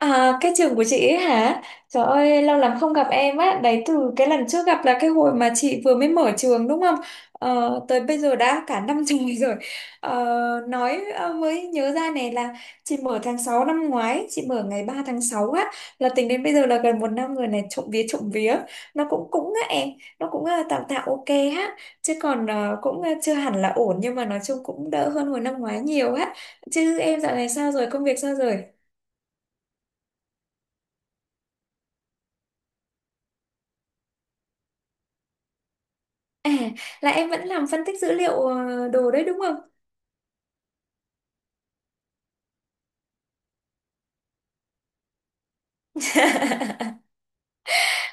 À, cái trường của chị ấy hả? Trời ơi, lâu lắm không gặp em á. Đấy từ cái lần trước gặp là cái hồi mà chị vừa mới mở trường đúng không? Tới bây giờ đã cả năm trời rồi. Ờ, nói mới nhớ ra này là chị mở tháng 6 năm ngoái, chị mở ngày 3 tháng 6 á. Là tính đến bây giờ là gần một năm rồi này, trộm vía trộm vía. Nó cũng cũng á em, nó cũng tạm tạm ok á. Chứ còn cũng chưa hẳn là ổn nhưng mà nói chung cũng đỡ hơn hồi năm ngoái nhiều á. Chứ em dạo này sao rồi, công việc sao rồi? À, là em vẫn làm phân tích dữ liệu đồ đấy đúng không?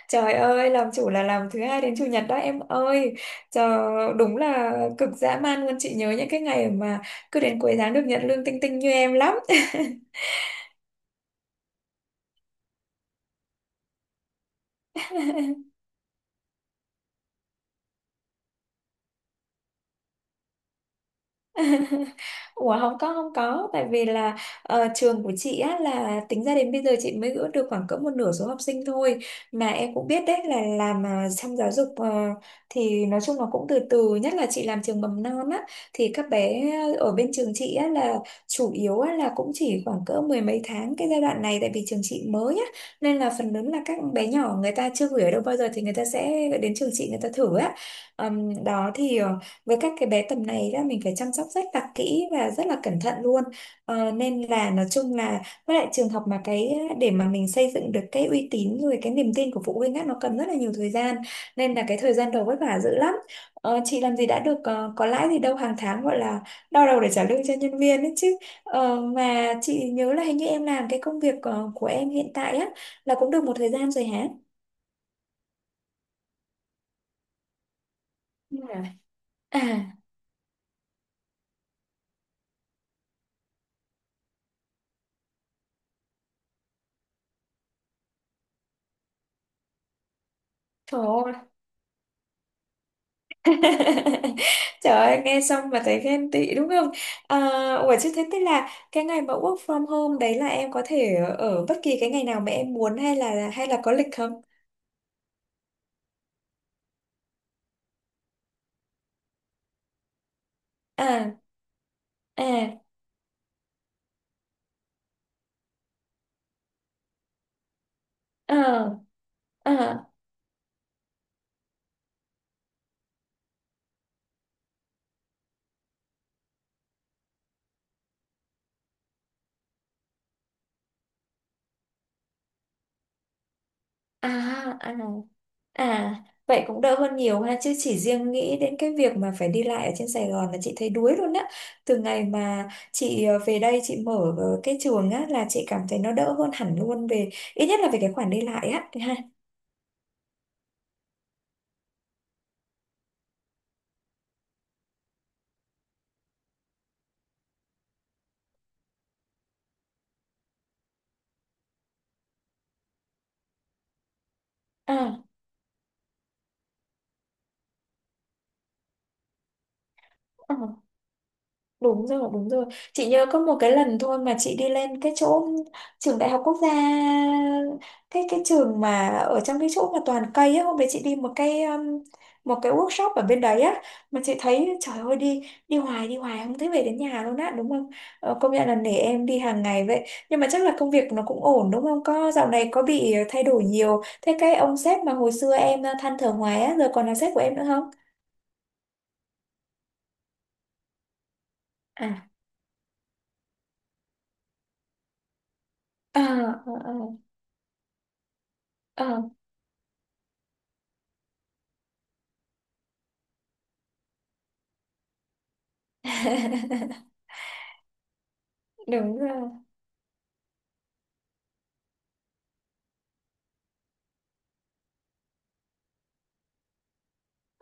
Trời ơi, làm chủ là làm thứ hai đến chủ nhật đó em ơi. Trời, đúng là cực dã man luôn. Chị nhớ những cái ngày mà cứ đến cuối tháng được nhận lương tinh tinh như em lắm. Ủa, không có không có. Tại vì là trường của chị á là tính ra đến bây giờ chị mới gỡ được khoảng cỡ một nửa số học sinh thôi, mà em cũng biết đấy là làm trong giáo dục thì nói chung là cũng từ từ, nhất là chị làm trường mầm non á, thì các bé ở bên trường chị á là chủ yếu á là cũng chỉ khoảng cỡ mười mấy tháng cái giai đoạn này, tại vì trường chị mới á nên là phần lớn là các bé nhỏ người ta chưa gửi ở đâu bao giờ thì người ta sẽ đến trường chị người ta thử á. Đó thì với các cái bé tầm này á, mình phải chăm sóc rất là kỹ và rất là cẩn thận luôn, nên là nói chung là với lại trường học mà, cái để mà mình xây dựng được cái uy tín rồi cái niềm tin của phụ huynh á nó cần rất là nhiều thời gian, nên là cái thời gian đầu vất vả dữ lắm. Chị làm gì đã được, có lãi gì đâu, hàng tháng gọi là đau đầu để trả lương cho nhân viên ấy chứ. Mà chị nhớ là hình như em làm cái công việc của em hiện tại á là cũng được một thời gian rồi hả. Ừ. À, trời ơi. Trời ơi, nghe xong mà thấy ghen tị đúng không? À, ủa chứ thế tức là cái ngày mà work from home đấy là em có thể ở bất kỳ cái ngày nào mà em muốn, hay là có lịch không? À, à, à, à, à, à, à. Vậy cũng đỡ hơn nhiều ha, chứ chỉ riêng nghĩ đến cái việc mà phải đi lại ở trên Sài Gòn là chị thấy đuối luôn á. Từ ngày mà chị về đây chị mở cái trường á là chị cảm thấy nó đỡ hơn hẳn luôn, về ít nhất là về cái khoản đi lại á. Ha. À. Ờ. Đúng rồi, đúng rồi. Chị nhớ có một cái lần thôi mà chị đi lên cái chỗ trường Đại học Quốc gia, cái trường mà ở trong cái chỗ mà toàn cây á, hôm đấy chị đi một cái workshop ở bên đấy á, mà chị thấy trời ơi đi đi hoài không thấy về đến nhà luôn á đúng không? Công nhận là nể em đi hàng ngày vậy. Nhưng mà chắc là công việc nó cũng ổn đúng không? Có, dạo này có bị thay đổi nhiều. Thế cái ông sếp mà hồi xưa em than thở hoài á giờ còn là sếp của em nữa không? À. À, à, à. Đúng rồi.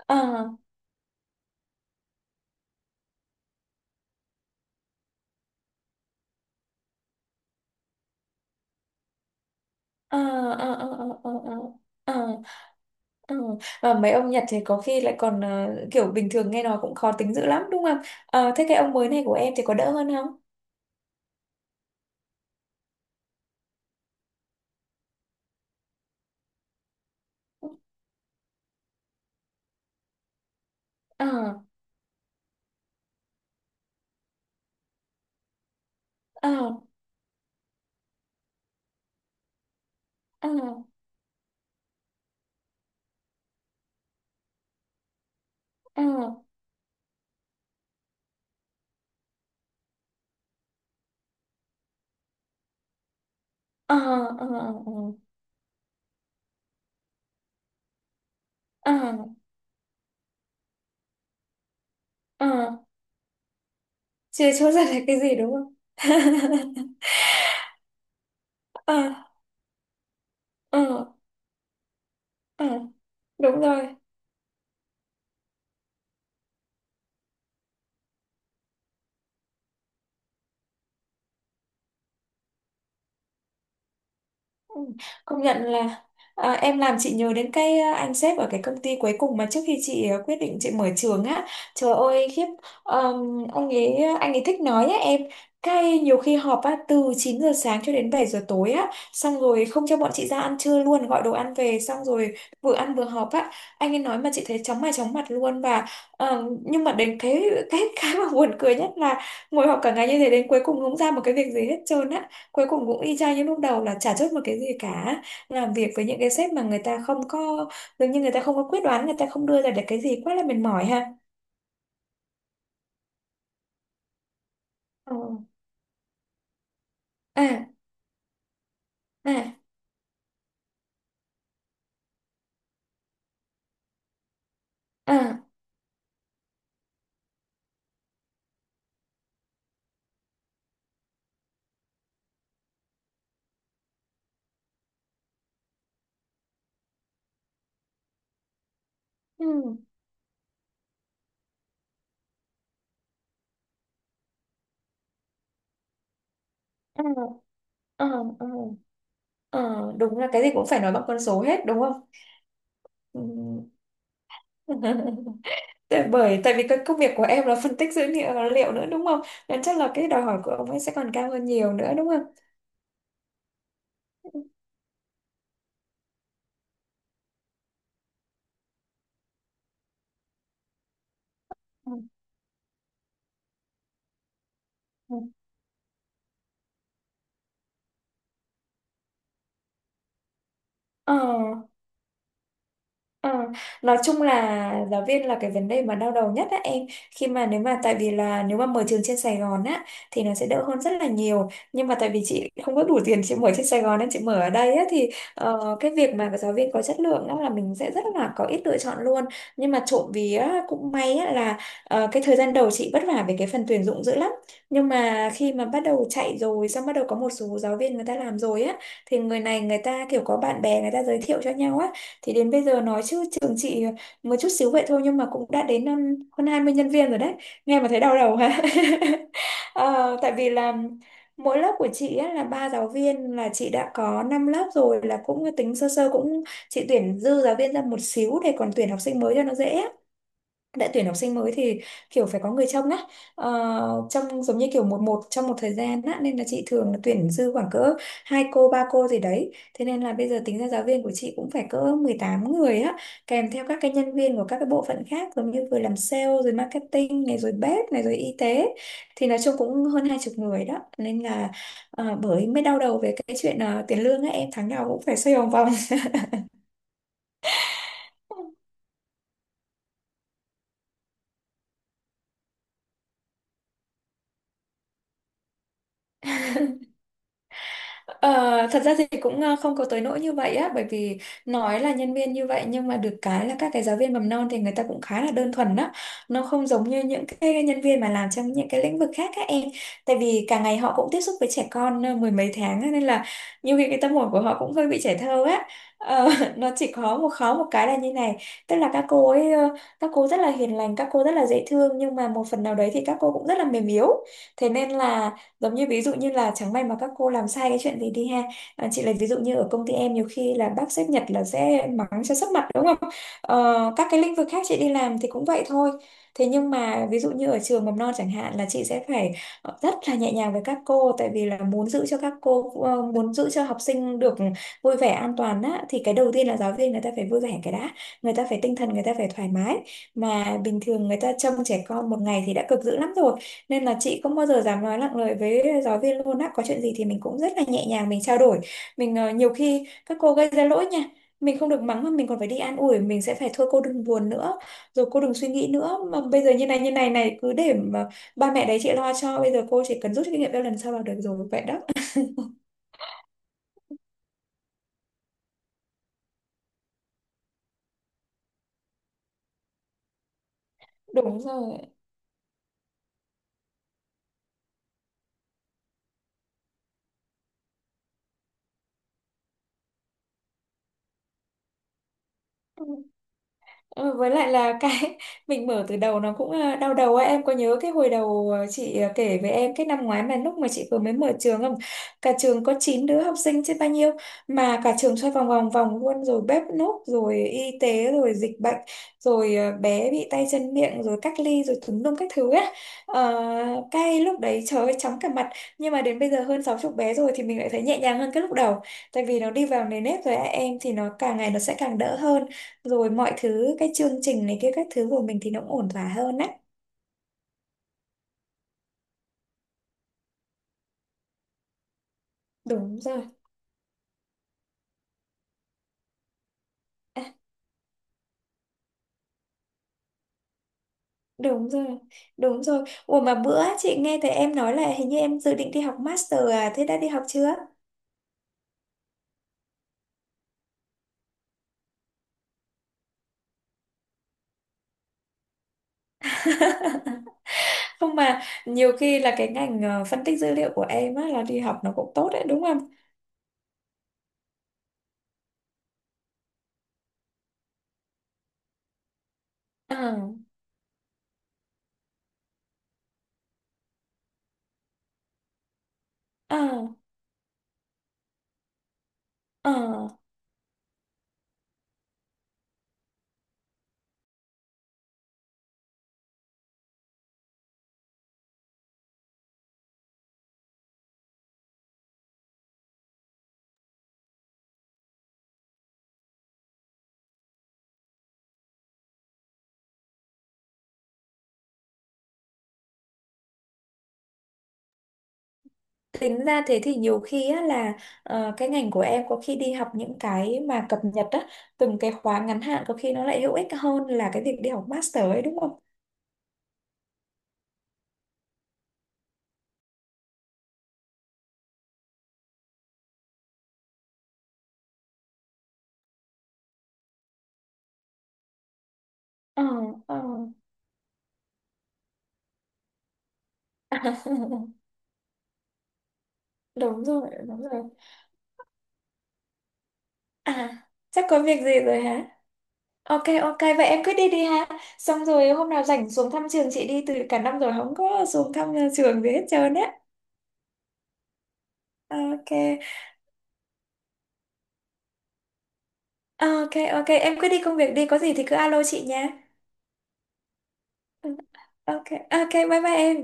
Ờ, ờ, ờ, ờ, ờ, ờ, ờ, ờ, ờ. ờ, Và mấy ông Nhật thì có khi lại còn kiểu bình thường nghe nói cũng khó tính dữ lắm đúng không? Thế cái ông mới này của em thì có đỡ hơn không? Ờ, ờ, ờ, ờ, ờ, ờ, ờ, ờ, ờ. Chưa chốt ra là cái gì đúng không. Ờ, ờ, ờ. Đúng rồi. Ừ, công nhận là em làm chị nhớ đến cái anh sếp ở cái công ty cuối cùng mà trước khi chị quyết định chị mở trường á, trời ơi khiếp. Ông ấy anh ấy thích nói á em, cái nhiều khi họp á từ 9 giờ sáng cho đến 7 giờ tối á, xong rồi không cho bọn chị ra ăn trưa luôn, gọi đồ ăn về xong rồi vừa ăn vừa họp á. Anh ấy nói mà chị thấy chóng mặt luôn. Và nhưng mà đến cái cái mà buồn cười nhất là ngồi họp cả ngày như thế đến cuối cùng không ra một cái việc gì hết trơn á, cuối cùng cũng y chang như lúc đầu là chả chốt một cái gì cả. Làm việc với những cái sếp mà người ta không có, dường như người ta không có quyết đoán, người ta không đưa ra được cái gì, quá là mệt mỏi ha. Ờ. À, à, à, ừ, ờ, ờ, ờ, ờ. Đúng là cái gì cũng phải nói bằng con số hết đúng không. Ừ. Tại vì cái công việc của em là phân tích dữ liệu nữa đúng không, nên chắc là cái đòi hỏi của ông ấy sẽ còn cao hơn nhiều nữa đúng không. Ừ. Ừ. Ờ. Ờ, nói chung là giáo viên là cái vấn đề mà đau đầu nhất á em, khi mà nếu mà tại vì là nếu mà mở trường trên Sài Gòn á thì nó sẽ đỡ hơn rất là nhiều, nhưng mà tại vì chị không có đủ tiền chị mở trên Sài Gòn nên chị mở ở đây á thì cái việc mà giáo viên có chất lượng đó là mình sẽ rất là có ít lựa chọn luôn. Nhưng mà trộm vía cũng may á là cái thời gian đầu chị vất vả về cái phần tuyển dụng dữ lắm, nhưng mà khi mà bắt đầu chạy rồi xong bắt đầu có một số giáo viên người ta làm rồi á, thì người này người ta kiểu có bạn bè người ta giới thiệu cho nhau á, thì đến bây giờ nói chứ trường chị một chút xíu vậy thôi nhưng mà cũng đã đến hơn 20 nhân viên rồi đấy, nghe mà thấy đau đầu ha. Ờ, tại vì là mỗi lớp của chị á là ba giáo viên, là chị đã có 5 lớp rồi, là cũng tính sơ sơ cũng, chị tuyển dư giáo viên ra một xíu để còn tuyển học sinh mới cho nó dễ, đã tuyển học sinh mới thì kiểu phải có người trông á, trông giống như kiểu một một trong một thời gian á, nên là chị thường là tuyển dư khoảng cỡ hai cô ba cô gì đấy, thế nên là bây giờ tính ra giáo viên của chị cũng phải cỡ 18 người á, kèm theo các cái nhân viên của các cái bộ phận khác giống như vừa làm sale rồi marketing này rồi bếp này rồi y tế, thì nói chung cũng hơn hai chục người đó, nên là bởi mới đau đầu về cái chuyện tiền lương á em, tháng nào cũng phải xoay vòng vòng. Ờ, thật ra thì cũng không có tới nỗi như vậy á, bởi vì nói là nhân viên như vậy nhưng mà được cái là các cái giáo viên mầm non thì người ta cũng khá là đơn thuần á, nó không giống như những cái nhân viên mà làm trong những cái lĩnh vực khác các em. Tại vì cả ngày họ cũng tiếp xúc với trẻ con mười mấy tháng á, nên là nhiều khi cái tâm hồn của họ cũng hơi bị trẻ thơ á. Ờ, nó chỉ có một cái là như này, tức là các cô rất là hiền lành, các cô rất là dễ thương nhưng mà một phần nào đấy thì các cô cũng rất là mềm yếu, thế nên là giống như ví dụ như là chẳng may mà các cô làm sai cái chuyện gì đi ha. À, chị lấy ví dụ như ở công ty em nhiều khi là bác sếp Nhật là sẽ mắng cho sấp mặt đúng không. Các cái lĩnh vực khác chị đi làm thì cũng vậy thôi, thế nhưng mà ví dụ như ở trường mầm non chẳng hạn là chị sẽ phải rất là nhẹ nhàng với các cô, tại vì là muốn giữ cho các cô muốn giữ cho học sinh được vui vẻ an toàn á, thì cái đầu tiên là giáo viên người ta phải vui vẻ cái đã, người ta phải tinh thần, người ta phải thoải mái, mà bình thường người ta trông trẻ con một ngày thì đã cực dữ lắm rồi, nên là chị không bao giờ dám nói nặng lời với giáo viên luôn á, có chuyện gì thì mình cũng rất là nhẹ nhàng mình trao đổi, mình nhiều khi các cô gây ra lỗi nha, mình không được mắng mà mình còn phải đi an ủi, mình sẽ phải thôi cô đừng buồn nữa, rồi cô đừng suy nghĩ nữa mà bây giờ như này này, cứ để mà ba mẹ đấy chị lo cho, bây giờ cô chỉ cần rút kinh nghiệm ra lần sau là được rồi vậy đó. Đúng rồi. Ừ. Ờ, với lại là cái mình mở từ đầu nó cũng đau đầu ấy, em có nhớ cái hồi đầu chị kể với em cái năm ngoái mà lúc mà chị vừa mới mở trường không, cả trường có 9 đứa học sinh chứ bao nhiêu, mà cả trường xoay vòng vòng vòng luôn, rồi bếp núc rồi y tế rồi dịch bệnh, rồi bé bị tay chân miệng rồi cách ly rồi tùm lum các thứ á. Ờ, cái lúc đấy trời ơi chóng cả mặt, nhưng mà đến bây giờ hơn sáu chục bé rồi thì mình lại thấy nhẹ nhàng hơn cái lúc đầu, tại vì nó đi vào nề nếp rồi á, em thì nó càng ngày nó sẽ càng đỡ hơn, rồi mọi thứ cái chương trình này kia các thứ của mình thì nó cũng ổn thỏa hơn á. Đúng rồi. À, đúng rồi đúng rồi. Ủa, mà bữa chị nghe thấy em nói là hình như em dự định đi học master, à thế đã đi học chưa. Không, mà nhiều khi là cái ngành phân tích dữ liệu của em á là đi học nó cũng tốt đấy đúng không. Ờ, ờ, ờ. Tính ra thế thì nhiều khi á là cái ngành của em có khi đi học những cái mà cập nhật á, từng cái khóa ngắn hạn có khi nó lại hữu ích hơn là cái việc đi học master ấy đúng không. Ờ, ờ. Đúng rồi đúng rồi. À, chắc có việc gì rồi hả. Ok, ok, vậy em cứ đi đi ha, xong rồi hôm nào rảnh xuống thăm trường chị đi, từ cả năm rồi không có xuống thăm nhà trường gì hết trơn á. Ok, ok. Ok, em cứ đi công việc đi, có gì thì cứ alo chị nha. Ừ, ok, ok, bye bye em.